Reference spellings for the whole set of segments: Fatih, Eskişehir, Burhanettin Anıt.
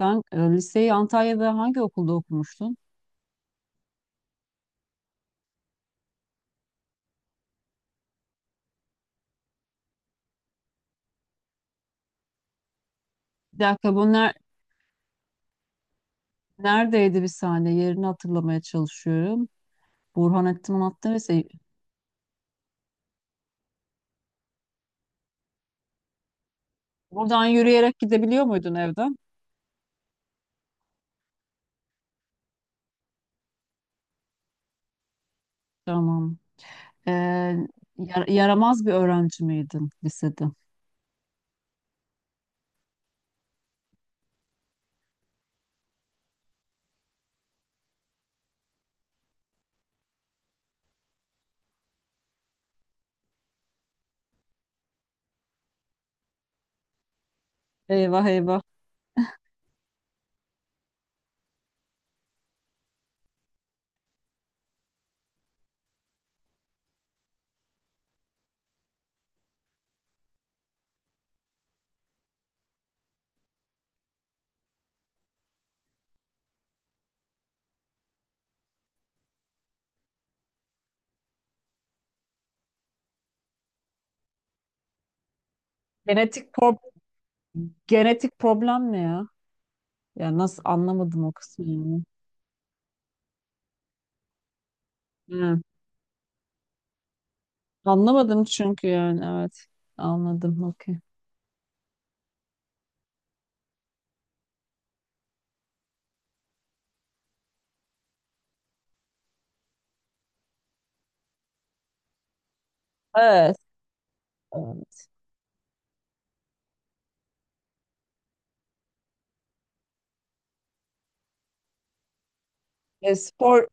Sen liseyi Antalya'da hangi okulda okumuştun? Bir dakika, neredeydi, bir saniye, yerini hatırlamaya çalışıyorum. Burhanettin Anıt'ta lise. Buradan yürüyerek gidebiliyor muydun evden? Tamam. Ee, Yaramaz bir öğrenci miydin lisede? Eyvah eyvah. Genetik pro- Genetik problem ne ya? Ya nasıl, anlamadım o kısmı yani. Hı. Anlamadım çünkü, yani, evet. Anladım, okey. Evet. E, spor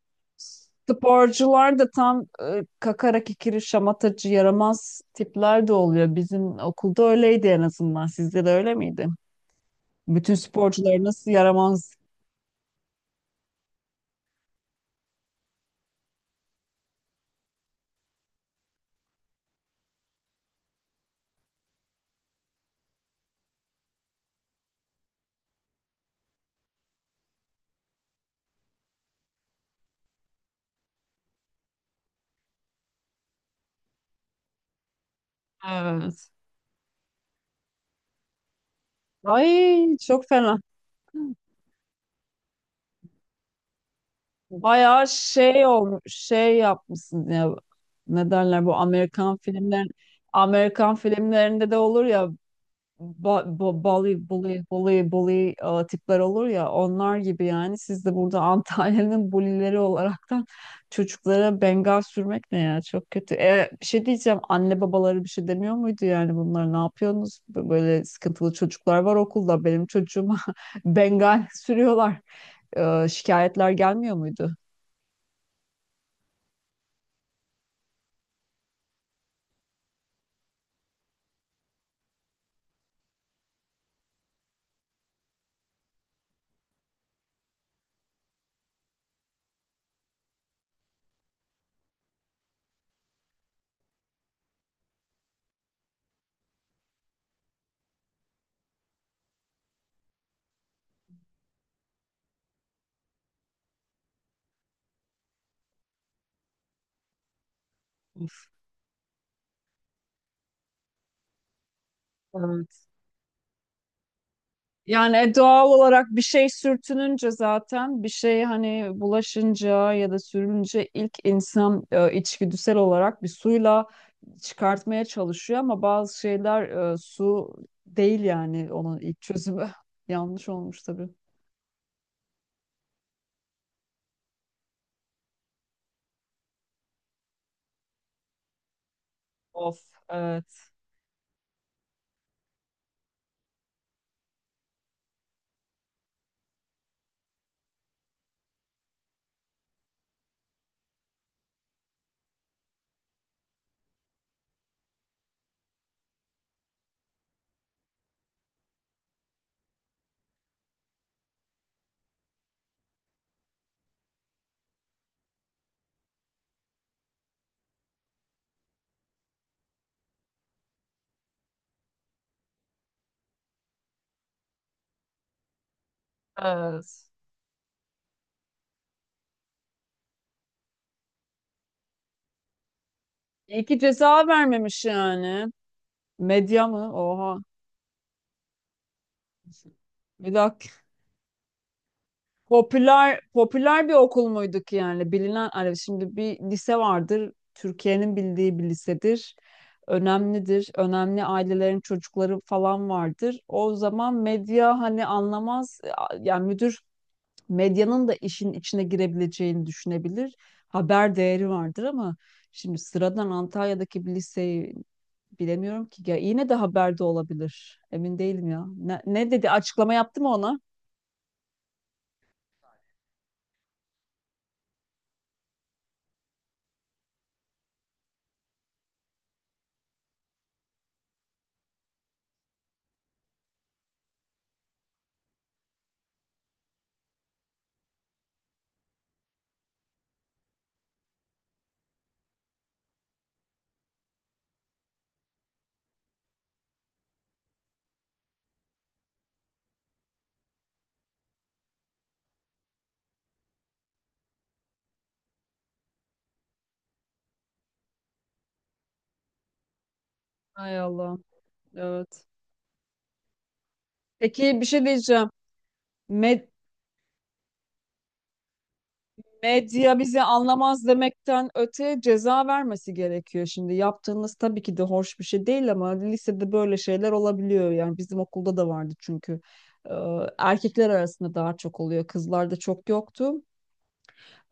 Sporcular da tam kakara kikiri şamatacı yaramaz tipler de oluyor. Bizim okulda öyleydi en azından. Sizde de öyle miydi? Bütün sporcular nasıl yaramaz? Evet. Ay, çok fena. Bayağı şey olmuş, şey yapmışsın ya. Ne derler bu Amerikan filmler, Amerikan filmlerinde de olur ya, balı, bully bully bully, tipler olur ya, onlar gibi yani. Siz de burada Antalya'nın bulileri olaraktan çocuklara bengal sürmek ne ya, çok kötü. Bir şey diyeceğim, anne babaları bir şey demiyor muydu, yani bunlar ne yapıyorsunuz? Böyle sıkıntılı çocuklar var okulda, benim çocuğuma bengal sürüyorlar. Şikayetler gelmiyor muydu? Of. Yani doğal olarak bir şey sürtününce, zaten bir şey, hani, bulaşınca ya da sürünce ilk insan içgüdüsel olarak bir suyla çıkartmaya çalışıyor ama bazı şeyler su değil yani onun ilk çözümü. Yanlış olmuş tabii. Of, evet. Evet. İyi ki ceza vermemiş yani. Medya mı? Oha. Bir dakika. Popüler bir okul muyduk yani, bilinen, hani şimdi bir lise vardır Türkiye'nin bildiği, bir lisedir, önemlidir, önemli ailelerin çocukları falan vardır, o zaman medya hani anlamaz yani, müdür medyanın da işin içine girebileceğini düşünebilir, haber değeri vardır. Ama şimdi sıradan Antalya'daki bir liseyi, bilemiyorum ki ya, yine de haberde olabilir, emin değilim ya. Ne, ne dedi, açıklama yaptı mı ona? Hay Allah, evet. Peki bir şey diyeceğim. Med- Medya bizi anlamaz demekten öte ceza vermesi gerekiyor şimdi. Yaptığınız tabii ki de hoş bir şey değil ama lisede böyle şeyler olabiliyor. Yani bizim okulda da vardı çünkü. Ee, Erkekler arasında daha çok oluyor. Kızlarda çok yoktu.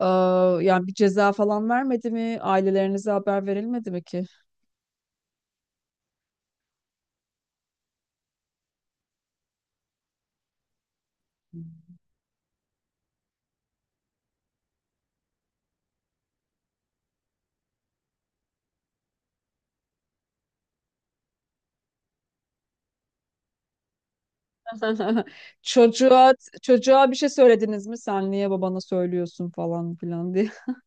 Ee, Yani bir ceza falan vermedi mi? Ailelerinize haber verilmedi mi ki? Çocuğa çocuğa bir şey söylediniz mi? Sen niye babana söylüyorsun falan filan diye.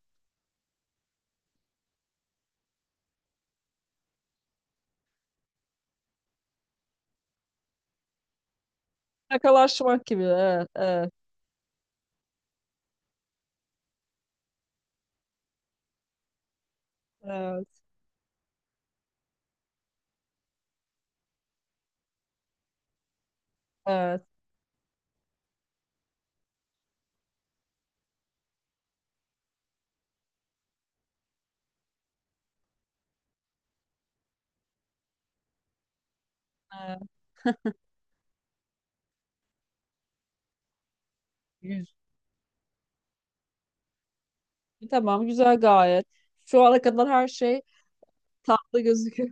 Ne kadar şımarık gibi. Evet, evet, evet. Evet, evet. Yüz. Tamam, güzel gayet. Şu ana kadar her şey tatlı gözüküyor.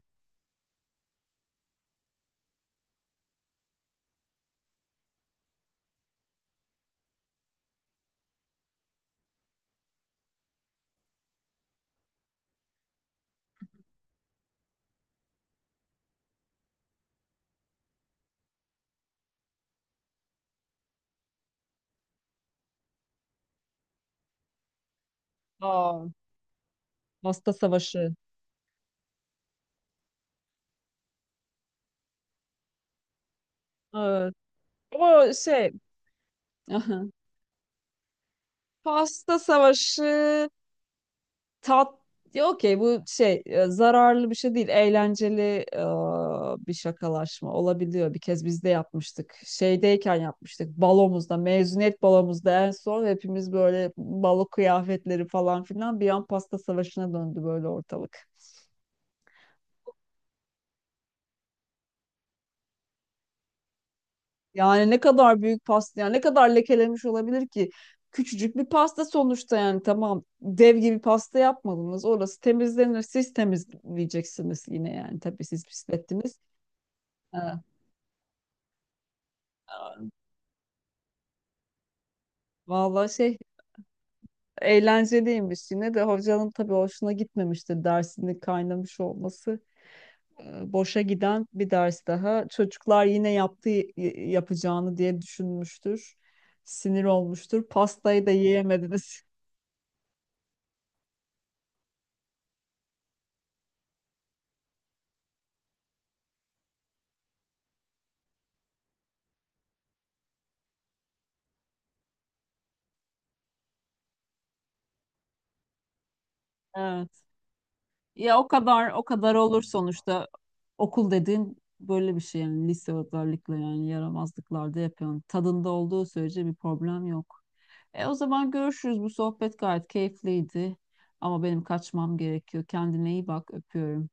Aa, pasta savaşı. Evet. O şey, aha, pasta savaşı, tat. Ya okey, bu şey zararlı bir şey değil. Eğlenceli bir şakalaşma olabiliyor. Bir kez biz de yapmıştık. Şeydeyken yapmıştık. Balomuzda, mezuniyet balomuzda en son, hepimiz böyle balo kıyafetleri falan filan, bir an pasta savaşına döndü böyle ortalık. Yani ne kadar büyük pasta, yani ne kadar lekelemiş olabilir ki? Küçücük bir pasta sonuçta yani, tamam dev gibi pasta yapmadınız. Orası temizlenir. Siz temizleyeceksiniz yine yani, tabii siz pislettiniz. Ha. Vallahi şey, eğlenceliymiş yine de, hocanın tabii hoşuna gitmemiştir dersinin kaynamış olması. Boşa giden bir ders daha. Çocuklar yine yaptığı yapacağını diye düşünmüştür. Sinir olmuştur. Pastayı da yiyemediniz. Ha. Ya o kadar o kadar olur sonuçta. Okul dediğin böyle bir şey yani, lise özellikle, yani yaramazlıklarda yapıyorsun. Tadında olduğu sürece bir problem yok. E o zaman görüşürüz. Bu sohbet gayet keyifliydi. Ama benim kaçmam gerekiyor. Kendine iyi bak. Öpüyorum.